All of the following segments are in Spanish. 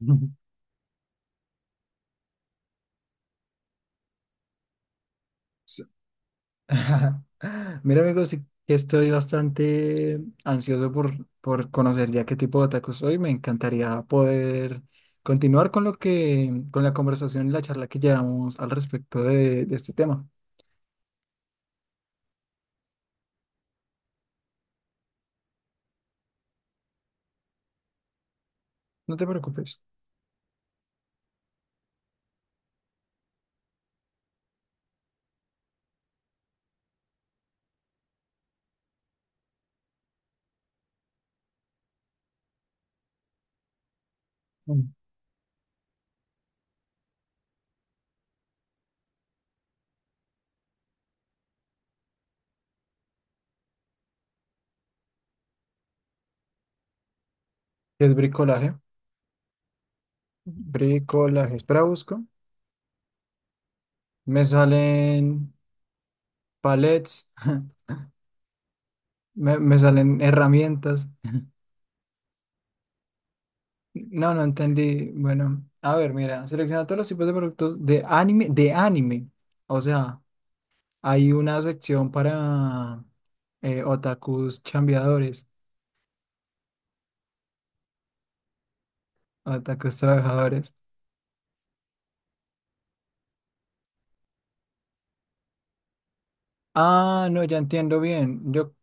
Ujú. S- Mira, amigos, sí que estoy bastante ansioso por conocer ya qué tipo de tacos soy. Me encantaría poder continuar con con la conversación y la charla que llevamos al respecto de este tema. No te preocupes. Mm. Es bricolaje. Bricolaje. Espera, busco. Me salen palets, me salen herramientas. No, entendí. Bueno, a ver, mira, selecciona todos los tipos de productos de anime, de anime. O sea, hay una sección para otakus chambeadores, otakus trabajadores. Ah, no, ya entiendo bien.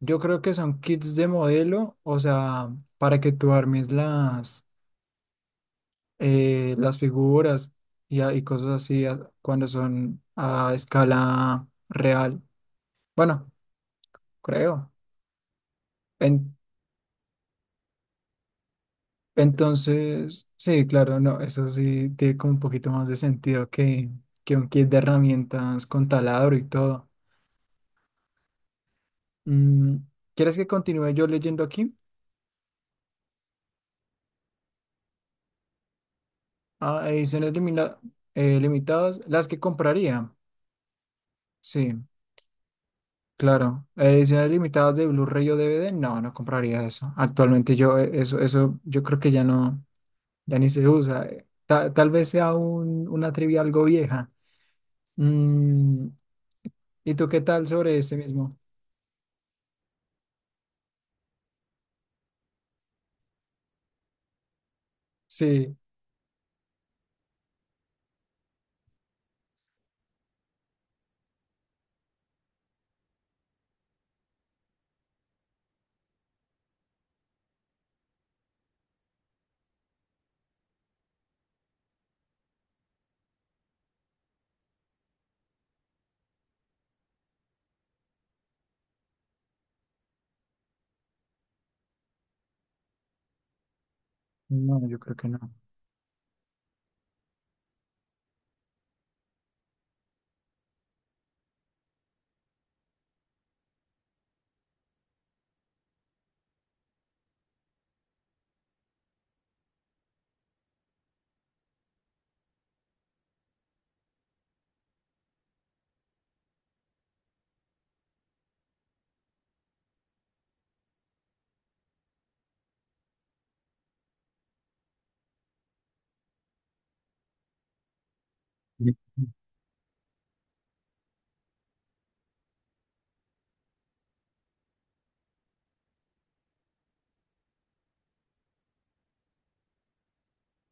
Yo creo que son kits de modelo, o sea, para que tú armes las figuras y cosas cuando son a escala real. Bueno, creo. Entonces, sí, claro, no, eso sí tiene como un poquito más de sentido que un kit de herramientas con taladro y todo. Mm, ¿quieres que continúe yo leyendo aquí? Ah, limitadas, las que compraría. Sí, claro. Ediciones limitadas de Blu-ray o DVD, no, no compraría eso. Actualmente yo, eso, yo creo que ya no, ya ni se usa. Tal vez sea una trivia algo vieja. Mm, ¿y tú qué tal sobre ese mismo? Sí. No, yo creo que no.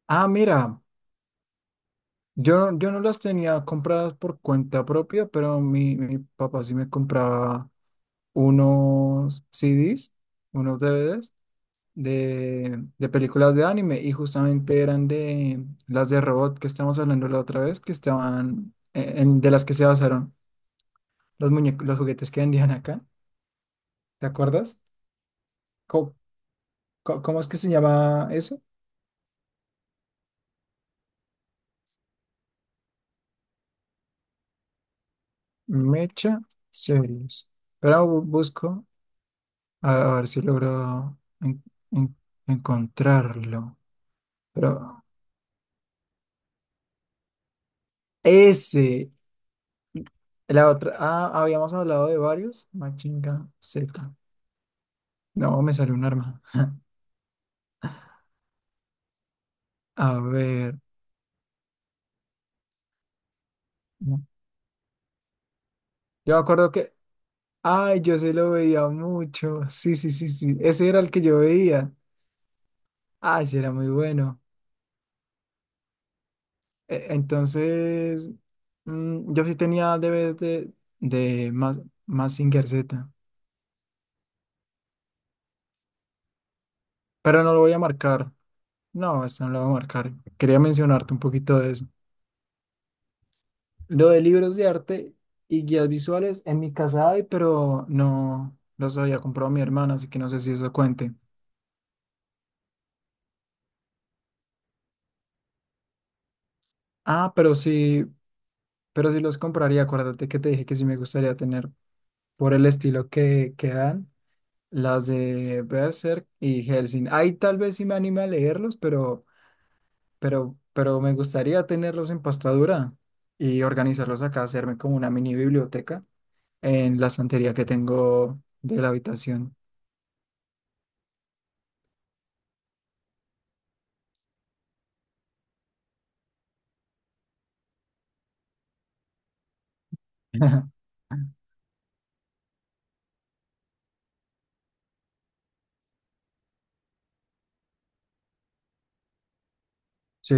Ah, mira, yo no las tenía compradas por cuenta propia, pero mi papá sí me compraba unos CDs, unos DVDs de películas de anime y justamente eran de las de robot que estábamos hablando la otra vez, que estaban de las que se basaron los muñecos, los juguetes que vendían acá, ¿te acuerdas? ¿Cómo, cómo es que se llama eso? Mecha Series. Pero busco. A ver si logro en- encontrarlo. Pero ese, la otra. Ah, habíamos hablado de varios. Machinga Z. No, me salió un arma. A ver. No. Yo me acuerdo que. Ay, yo se lo veía mucho. Sí, sí, sí, sí. Ese era el que yo veía. Ay, sí, era muy bueno. Entonces, mm, yo sí tenía DVDs de Mazinger Z. Pero no lo voy a marcar. No, esta no la va a marcar. Quería mencionarte un poquito de eso. Lo de libros de arte y guías visuales, en mi casa hay, pero no los había comprado mi hermana, así que no sé si eso cuente. Ah, pero sí los compraría. Acuérdate que te dije que sí me gustaría tener por el estilo que dan las de Berserk y Hellsing. Ahí tal vez sí me anime a leerlos, pero me gustaría tenerlos en pastadura y organizarlos acá, hacerme como una mini biblioteca en la estantería que tengo de la habitación. Sí.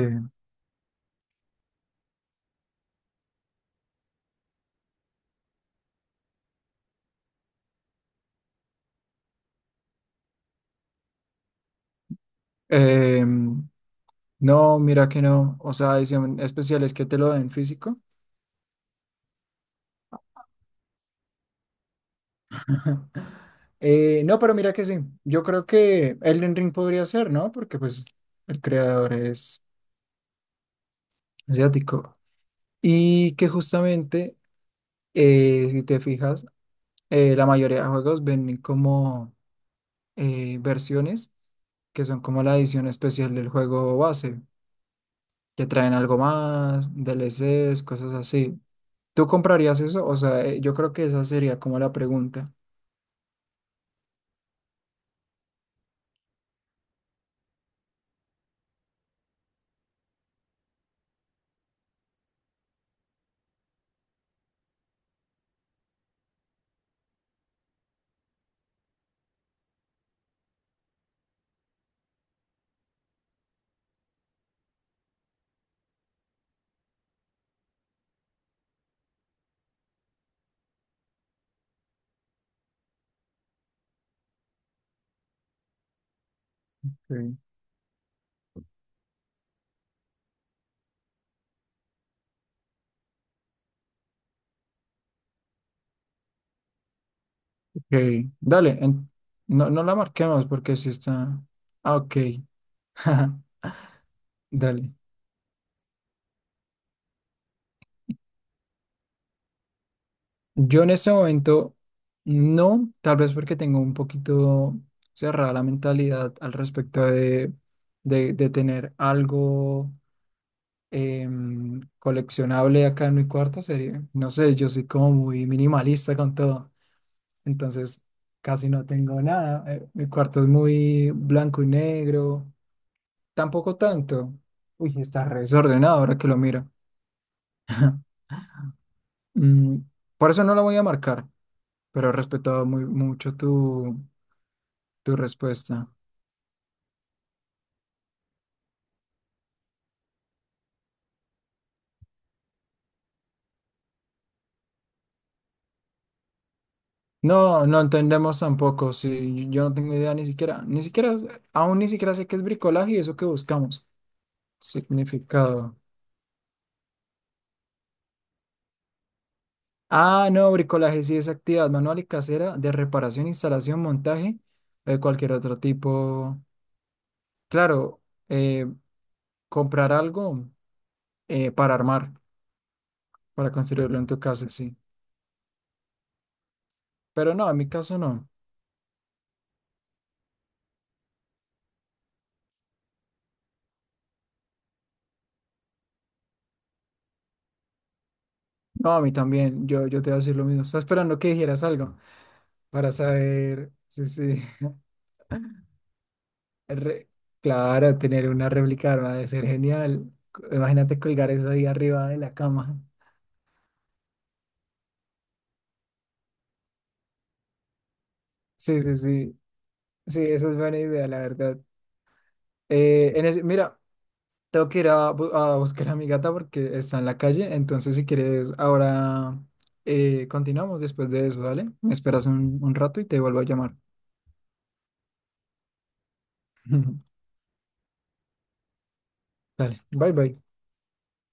Em, no, mira que no. O sea, edición especial es que te lo den físico. No, pero mira que sí. Yo creo que Elden Ring podría ser, ¿no? Porque pues el creador es asiático. Y que justamente, si te fijas, la mayoría de juegos ven como versiones que son como la edición especial del juego base, que traen algo más, DLCs, cosas así. ¿Tú comprarías eso? O sea, yo creo que esa sería como la pregunta. Ok. Ok, dale, no, no la marquemos porque si está... Ah, ok, dale. Yo en ese momento no, tal vez porque tengo un poquito cerrada la mentalidad al respecto de tener algo coleccionable acá en mi cuarto. Sería, no sé, yo soy como muy minimalista con todo, entonces casi no tengo nada. Mi cuarto es muy blanco y negro, tampoco tanto. Uy, está re desordenado ahora que lo miro. Mm, por eso no lo voy a marcar, pero he respetado muy mucho tu respuesta. No, no entendemos tampoco, si yo no tengo idea ni siquiera, ni siquiera, aún ni siquiera sé qué es bricolaje y eso que buscamos. Significado. Ah, no, bricolaje sí es actividad manual y casera de reparación, instalación, montaje o de cualquier otro tipo. Claro, eh, comprar algo para armar, para construirlo en tu casa, sí. Pero no, en mi caso no. No, a mí también, yo te voy a decir lo mismo. Estaba esperando que dijeras algo para saber. Sí, sí. Re- Claro, tener una réplica va a ser genial. Imagínate colgar eso ahí arriba de la cama. Sí, sí, sí. Sí, esa es buena idea, la verdad. Mira, tengo que ir a buscar a mi gata porque está en la calle. Entonces, si quieres, ahora continuamos después de eso, ¿vale? Me esperas un rato y te vuelvo a llamar. Dale, bye bye.